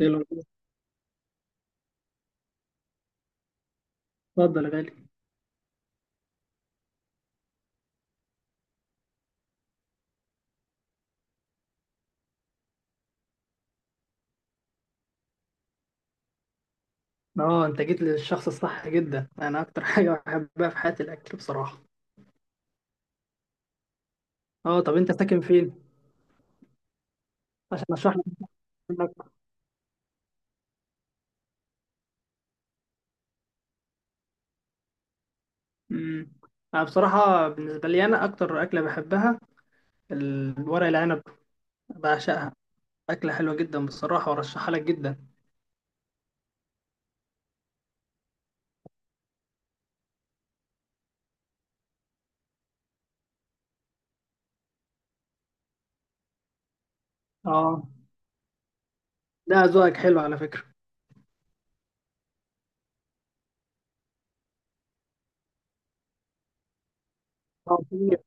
ايه الأخبار؟ اتفضل يا غالي. اه، انت جيت للشخص الصح جدا. انا اكتر حاجه بحبها في حياتي الاكل بصراحه. اه، طب انت ساكن فين عشان اشرح لك منك. امم انا بصراحه بالنسبه لي انا اكتر اكله بحبها الورق العنب، بعشقها. اكله حلوه جدا بصراحه وارشحها لك جدا. اه، ده ذوقك حلو على فكره. اه،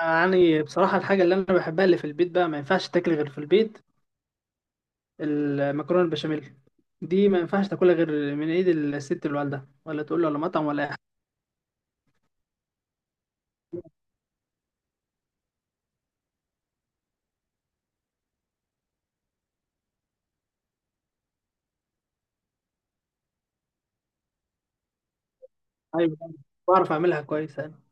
يعني بصراحه الحاجه اللي انا بحبها اللي في البيت بقى ما ينفعش تاكل غير في البيت، المكرونه البشاميل. دي ما ينفعش تاكلها غير من ايد الست اللي والدها، ولا تقول له ولا مطعم ولا اي حاجه. ايوه، بعرف اعملها كويس انا.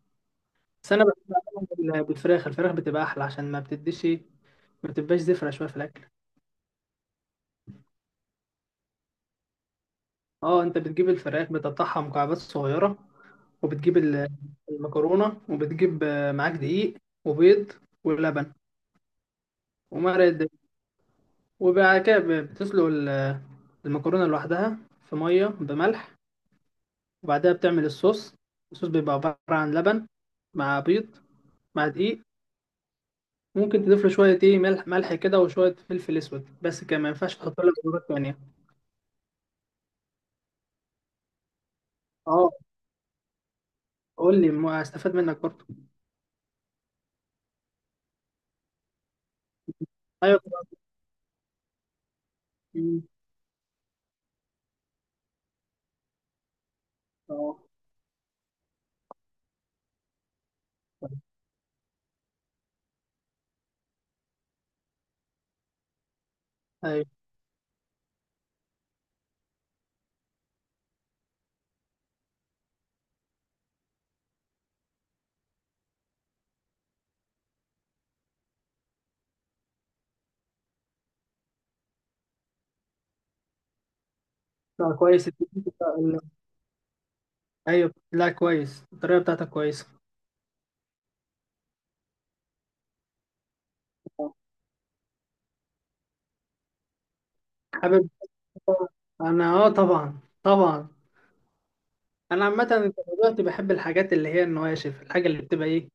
بس انا بحب اعملها بالفراخ. الفراخ بتبقى احلى عشان ما بتديش ما بتبقاش زفره شويه في الاكل. اه، انت بتجيب الفراخ بتقطعها مكعبات صغيره، وبتجيب المكرونه، وبتجيب معاك دقيق وبيض ولبن ومرقه دجاج. وبعد كده بتسلق المكرونه لوحدها في ميه بملح، وبعدها بتعمل الصوص. الصوص بيبقى عبارة عن لبن مع بيض مع دقيق. ممكن تضيف له شوية ملح ملح كده وشوية فلفل اسود، بس كده ما ينفعش تحط له بهارات تانية. اه، قول لي ما استفاد منك برضه. ايوه. مم. اه، ايوه لا، كويس التكنيك ايوه لا، كويس الطريقة بتاعتك كويسة. حابب، انا اه طبعا طبعا. انا عامة دلوقتي بحب الحاجات اللي هي النواشف، الحاجة اللي بتبقى ايه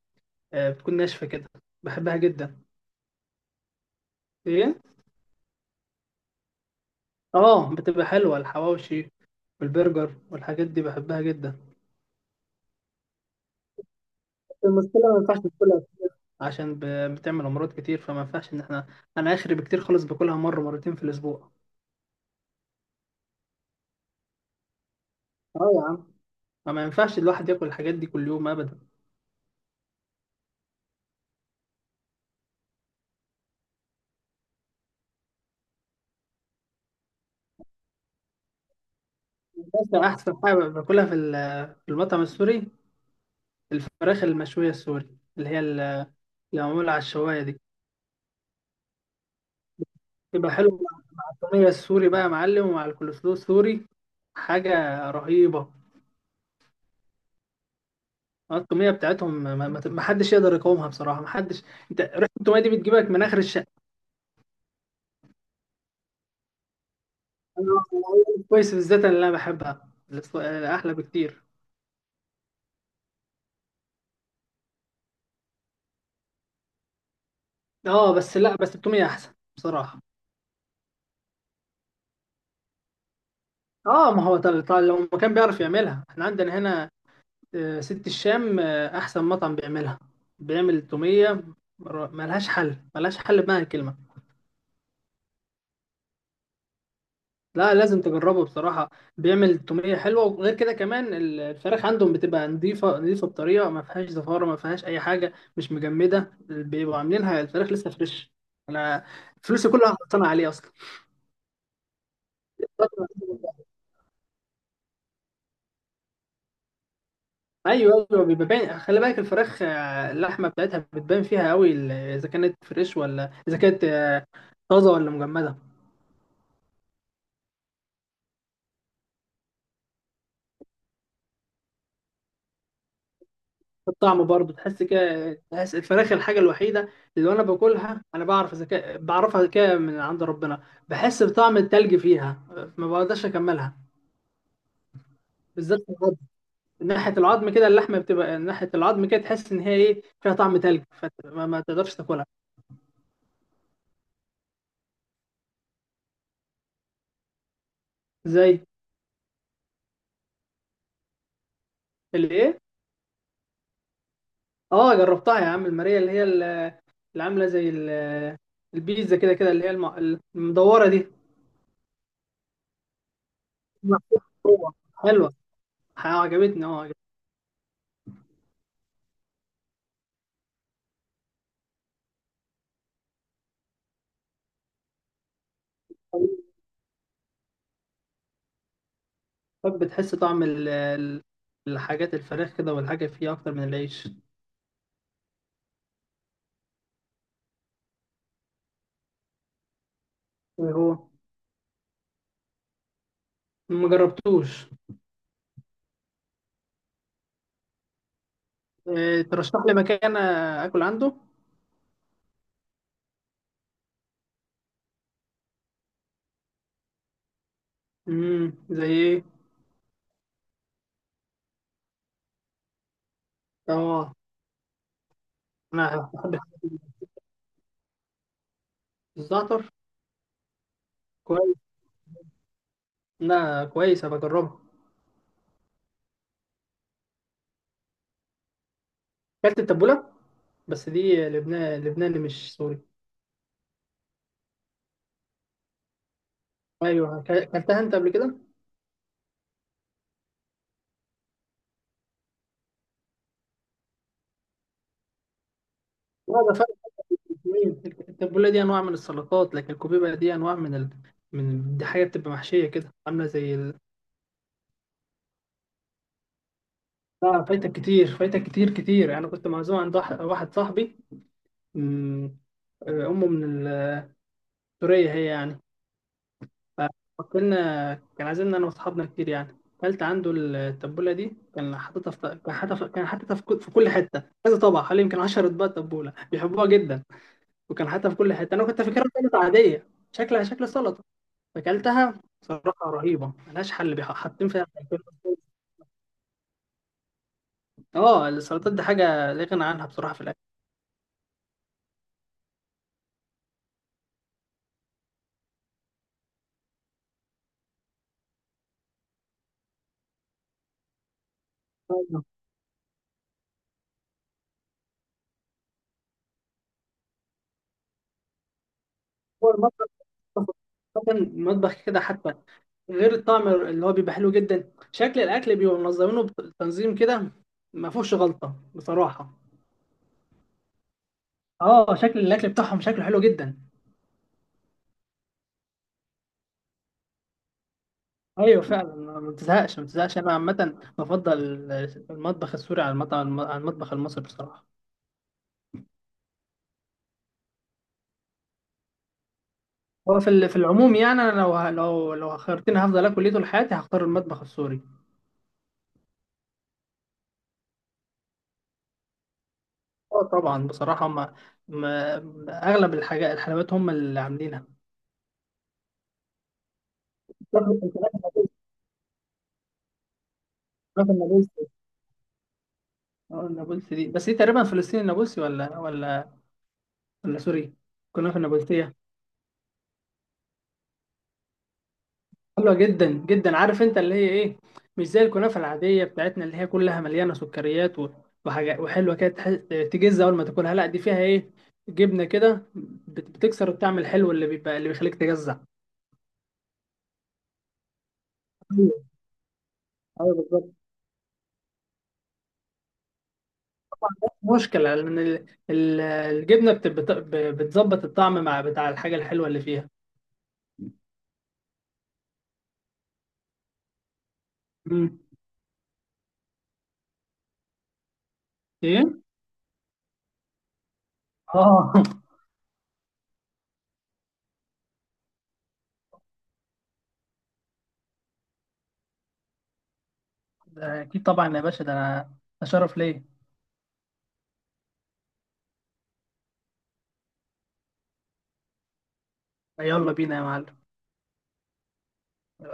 آه، بتكون ناشفة كده، بحبها جدا. ايه اه، بتبقى حلوة الحواوشي والبرجر والحاجات دي بحبها جدا. المشكلة ما ينفعش تاكلها عشان بتعمل امراض كتير، فما ينفعش ان احنا، انا اخري بكتير خالص باكلها مره مرتين في الاسبوع. اه يا عم، فما ينفعش الواحد ياكل الحاجات دي كل يوم ابدا. ماشي، احسن حاجه باكلها في في المطعم السوري الفراخ المشويه السوري، اللي هي ال- اللي معموله على الشوايه دي. تبقى حلوه مع الطوميه السوري بقى يا معلم، ومع الكولسلو السوري. حاجه رهيبه. الطوميه بتاعتهم ما حدش يقدر يقاومها بصراحه، ما حدش. انت ريحه الطوميه دي بتجيبك من اخر الشارع. كويس، بالذات اللي انا بحبها احلى بكتير. اه بس، لا بس التوميه احسن بصراحه. اه، ما هو لو ما كان بيعرف يعملها احنا عندنا هنا ست الشام، احسن مطعم بيعملها. بيعمل التوميه، ملهاش حل ملهاش حل بمعنى الكلمه. لا، لازم تجربه بصراحه. بيعمل التوميه حلوه، وغير كده كمان الفراخ عندهم بتبقى نظيفه نظيفه بطريقه ما فيهاش زفاره، ما فيهاش اي حاجه، مش مجمده. بيبقوا عاملينها الفراخ لسه فريش. انا فلوسي كلها هتصنع عليه اصلا فترة. ايوه ايوه، بيبقى باين. خلي بالك، الفراخ اللحمه بتاعتها بتبان فيها قوي اذا كانت فريش ولا اذا كانت طازه ولا مجمده. الطعم برضه تحس كده، تحس الفراخ الحاجه الوحيده اللي وانا باكلها، انا بعرف اذا كان، بعرفها كده من عند ربنا. بحس بطعم التلج فيها ما بقدرش اكملها، بالذات في العظم. من ناحيه العظم كده اللحمه بتبقى، من ناحيه العظم كده تحس ان هي ايه فيها طعم تلج، فما ما تقدرش تاكلها. زي الايه؟ اه جربتها يا عم، الماريا اللي عامله زي البيتزا كده كده، اللي هي المدوره دي. محطوط جوه. حلوه، عجبتني اه، عجبتني. طب بتحس طعم الحاجات الفراخ كده والحاجه فيها اكتر من العيش. إيه هو؟ ما جربتوش. إيه، ترشح لي مكان اكل عنده. زي ايه؟ اه انا بحب الزعتر. كويس، لا كويس هبقى اجربها. اكلت التبوله، بس دي لبنان لبناني مش سوري. ايوه، اكلتها انت قبل كده؟ لا، ده فرق كبير. التبوله دي انواع من السلطات، لكن الكوبيبه دي انواع من ال... دي حاجه بتبقى محشيه كده، عامله زي ال... لا فايتك كتير، فايتك كتير كتير. انا كنت معزوم عند واحد صاحبي. أمم، امه من سوريا هي يعني. فاكلنا كان عازمنا انا واصحابنا كتير يعني، اكلت عنده التبوله دي. كان حاططها في كان حاططها في كان حاططها في كل كل حته، كذا طبق، حوالي يمكن 10 اطباق تبوله بيحبوها جدا. وكان حتى في كل حتة، أنا كنت فاكرها سلطة عادية، شكلها شكل سلطة. فأكلتها صراحة رهيبة ملهاش حل، حاطين فيها حاجتين. اه، السلطات دي حاجة لا غنى عنها بصراحة في الأكل. هو المطبخ، مثلا المطبخ كده حتى غير الطعم اللي هو بيبقى حلو جدا، شكل الأكل بيبقوا منظمينه بتنظيم كده. ما فيهوش غلطة بصراحة. اه، شكل الأكل بتاعهم شكله حلو جدا. ايوه فعلا، ما بتزهقش ما بتزهقش. انا عامه بفضل المطبخ السوري على على المطبخ المصري بصراحه. هو في في العموم يعني، انا لو لو خيرتني هفضل اكل ايه طول حياتي هختار المطبخ السوري. اه طبعا بصراحه اغلب الحاجات الحلويات هم اللي عاملينها. الفراخ النابلسي. اه النابلسي دي، بس دي تقريبا فلسطيني النابلسي ولا سوري، الكنافه النابلسيه. حلوه جدا جدا. عارف انت اللي هي ايه، مش زي الكنافه العاديه بتاعتنا اللي هي كلها مليانه سكريات و وحاجات وحلوه كده تجز اول ما تاكلها. لا دي فيها ايه، جبنه كده بتكسر الطعم الحلو اللي بيبقى، اللي بيخليك تجزع. ايوه بالظبط، مشكله لان الجبنه بتظبط الطعم مع بتاع الحاجه الحلوه اللي فيها. امم ايه اه ده اكيد طبعا يا باشا، ده انا اشرف ليه. يلا بينا يا معلم.